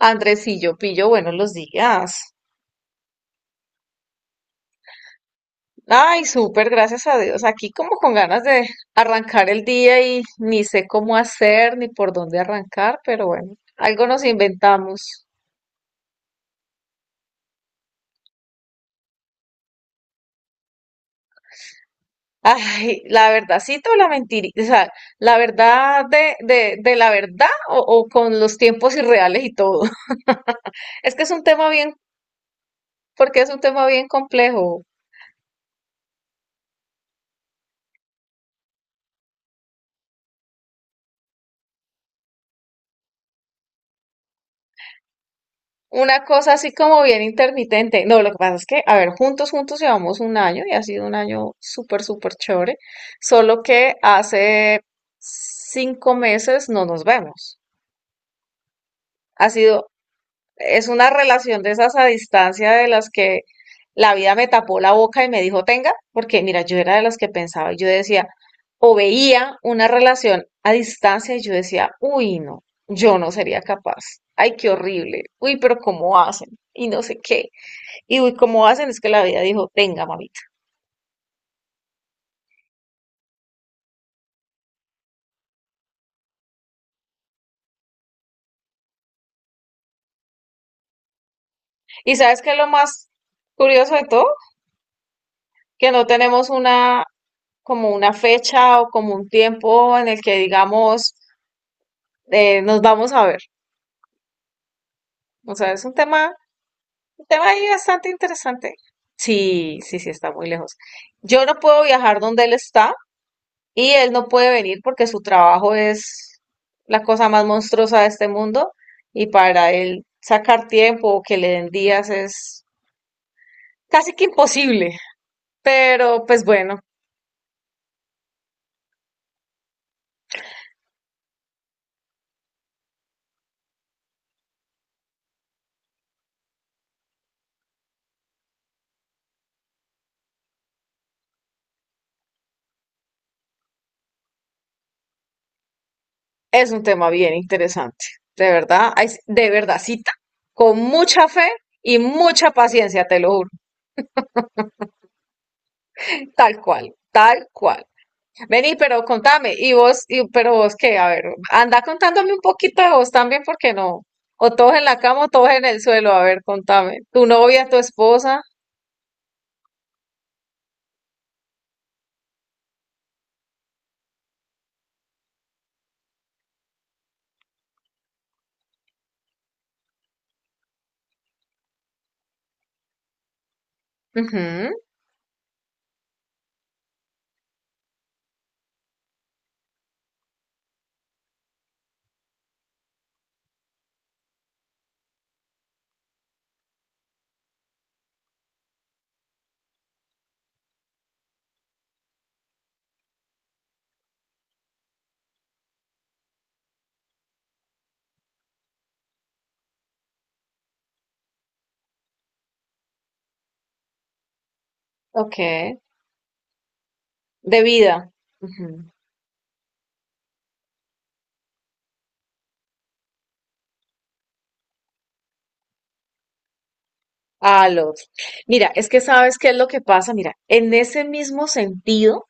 Andresillo, pillo, buenos los días. Ay, súper, gracias a Dios. Aquí como con ganas de arrancar el día y ni sé cómo hacer ni por dónde arrancar, pero bueno, algo nos inventamos. Ay, la verdadcita o la mentirita, o sea, la verdad de la verdad o con los tiempos irreales y todo. Es que es un tema bien, porque es un tema bien complejo. Una cosa así como bien intermitente. No, lo que pasa es que, a ver, juntos, juntos llevamos un año y ha sido un año súper, súper chévere. Solo que hace 5 meses no nos vemos. Ha sido, es una relación de esas a distancia de las que la vida me tapó la boca y me dijo, tenga, porque mira, yo era de las que pensaba y yo decía, o veía una relación a distancia y yo decía, uy, no, yo no sería capaz. Ay, qué horrible. Uy, pero ¿cómo hacen? Y no sé qué. Y uy, ¿cómo hacen? Es que la vida dijo, tenga, mamita. ¿Y sabes qué es lo más curioso de todo? Que no tenemos como una fecha o como un tiempo en el que digamos, nos vamos a ver. O sea, es un tema ahí bastante interesante. Sí, sí, sí, está muy lejos. Yo no puedo viajar donde él está y él no puede venir porque su trabajo es la cosa más monstruosa de este mundo y para él sacar tiempo o que le den días es casi que imposible. Pero pues bueno, es un tema bien interesante. De verdad, ay, de verdad, cita, con mucha fe y mucha paciencia, te lo juro. Tal cual, tal cual. Vení, pero contame, y vos, pero vos qué, a ver, anda contándome un poquito de vos también, porque no. O todos en la cama o todos en el suelo, a ver, contame. Tu novia, tu esposa. Ujú, ok. De vida. Ujú, al otro. Mira, es que sabes qué es lo que pasa. Mira, en ese mismo sentido,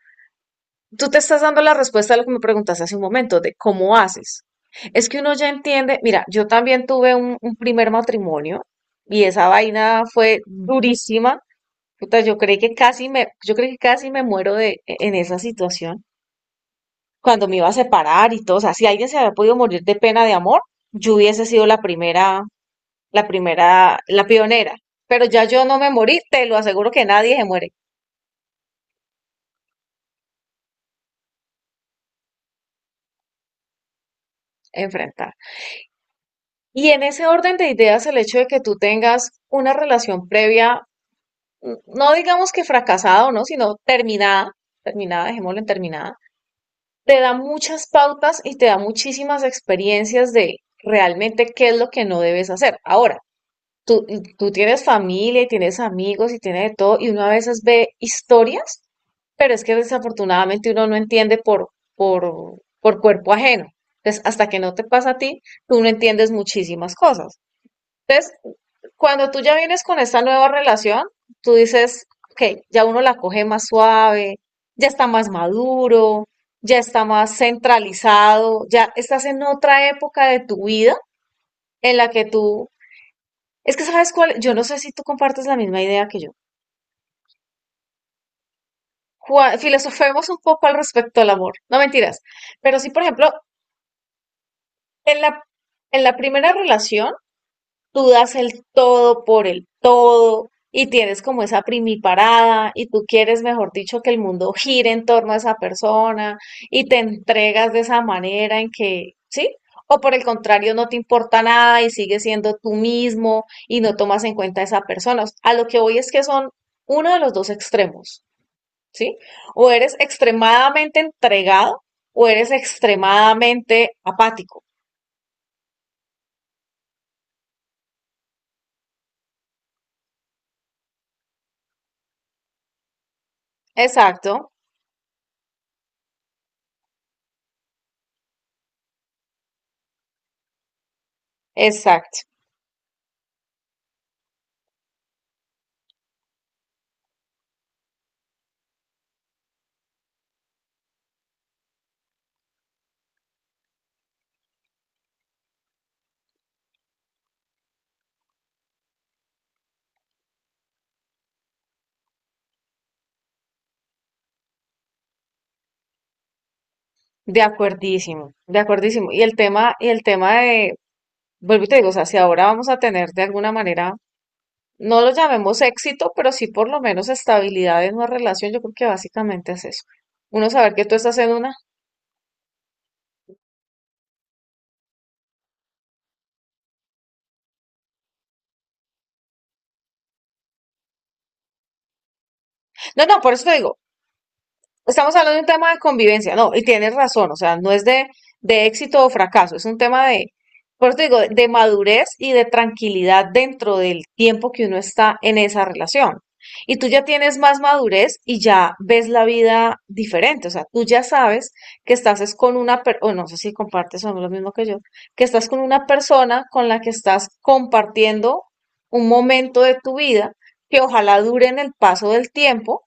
tú te estás dando la respuesta a lo que me preguntaste hace un momento, de cómo haces. Es que uno ya entiende, mira, yo también tuve un primer matrimonio y esa vaina fue durísima. Puta, yo creí que casi me muero en esa situación, cuando me iba a separar y todo. O sea, si alguien se había podido morir de pena de amor, yo hubiese sido la primera, la primera, la pionera. Pero ya yo no me morí, te lo aseguro que nadie se muere enfrentado. Y en ese orden de ideas, el hecho de que tú tengas una relación previa, no digamos que fracasada o no, sino terminada, terminada, dejémoslo en terminada, te da muchas pautas y te da muchísimas experiencias de realmente qué es lo que no debes hacer. Ahora, tú, tú tienes familia y tienes amigos y tienes de todo, y uno a veces ve historias, pero es que desafortunadamente uno no entiende por cuerpo ajeno. Entonces, hasta que no te pasa a ti, tú no entiendes muchísimas cosas. Entonces, cuando tú ya vienes con esta nueva relación, tú dices, ok, ya uno la coge más suave, ya está más maduro, ya está más centralizado, ya estás en otra época de tu vida en la que tú, es que sabes cuál, yo no sé si tú compartes la misma idea que yo. Filosofemos un poco al respecto al amor, no mentiras, pero sí, por ejemplo, en la, en la primera relación, tú das el todo por el todo y tienes como esa primiparada y tú quieres, mejor dicho, que el mundo gire en torno a esa persona y te entregas de esa manera en que, ¿sí? O por el contrario, no te importa nada y sigues siendo tú mismo y no tomas en cuenta a esa persona. O sea, a lo que voy es que son uno de los dos extremos, ¿sí? O eres extremadamente entregado o eres extremadamente apático. Exacto, exacto. De acuerdísimo, de acuerdísimo. Y el tema de, vuelvo y te digo, o sea, si ahora vamos a tener de alguna manera, no lo llamemos éxito, pero sí por lo menos estabilidad en una relación, yo creo que básicamente es eso. Uno saber que tú estás en una. No, no, por eso te digo, estamos hablando de un tema de convivencia, no, y tienes razón, o sea, no es de éxito o fracaso, es un tema de, por eso te digo, de madurez y de tranquilidad dentro del tiempo que uno está en esa relación. Y tú ya tienes más madurez y ya ves la vida diferente, o sea, tú ya sabes que estás es con una persona, no sé si compartes o no lo mismo que yo, que estás con una persona con la que estás compartiendo un momento de tu vida que ojalá dure en el paso del tiempo,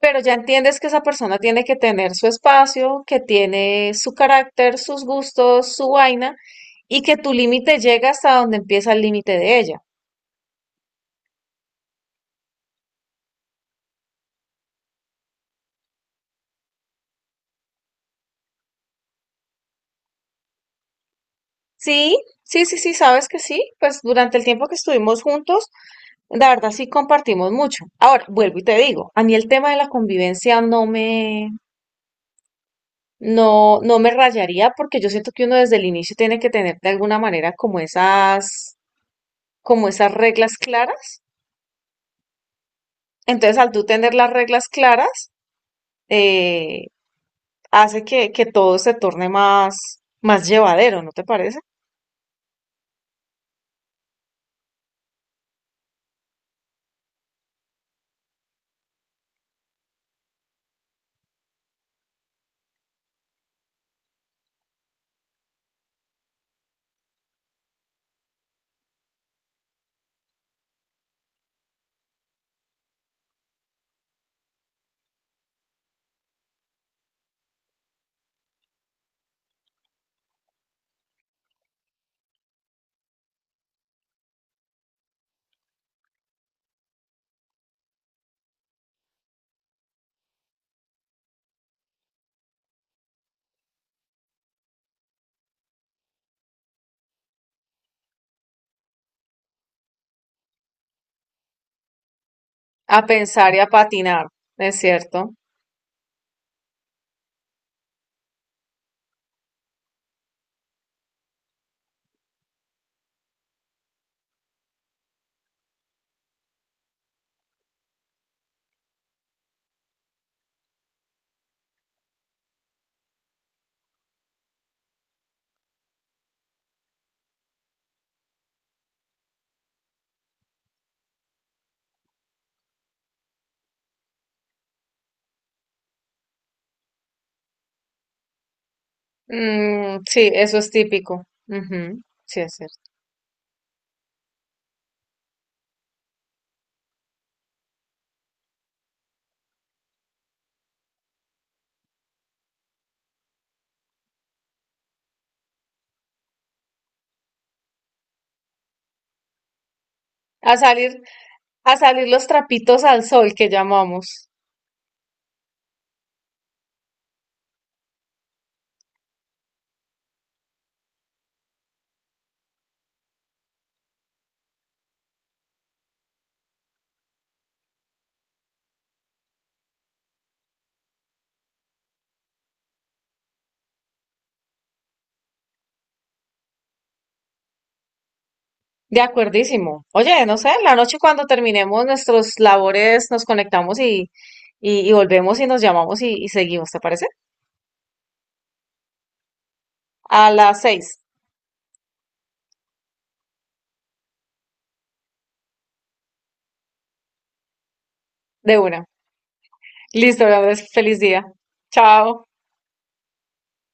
pero ya entiendes que esa persona tiene que tener su espacio, que tiene su carácter, sus gustos, su vaina, y que tu límite llega hasta donde empieza el límite de ella. Sí, sí, sí, sí, sabes que sí. Pues durante el tiempo que estuvimos juntos, la verdad sí compartimos mucho. Ahora, vuelvo y te digo, a mí el tema de la convivencia no me, no me rayaría, porque yo siento que uno desde el inicio tiene que tener de alguna manera como esas, reglas claras. Entonces, al tú tener las reglas claras, eh, hace que todo se torne más, más llevadero, ¿no te parece? A pensar y a patinar, es cierto. Mm, sí, eso es típico. Ujú, sí, es cierto. A salir, a salir los trapitos al sol que llamamos. De acuerdísimo. Oye, no sé, en la noche cuando terminemos nuestros labores nos conectamos y volvemos y nos llamamos y seguimos, ¿te parece? A las 6, de una. Listo, Andrés, feliz día. Chao.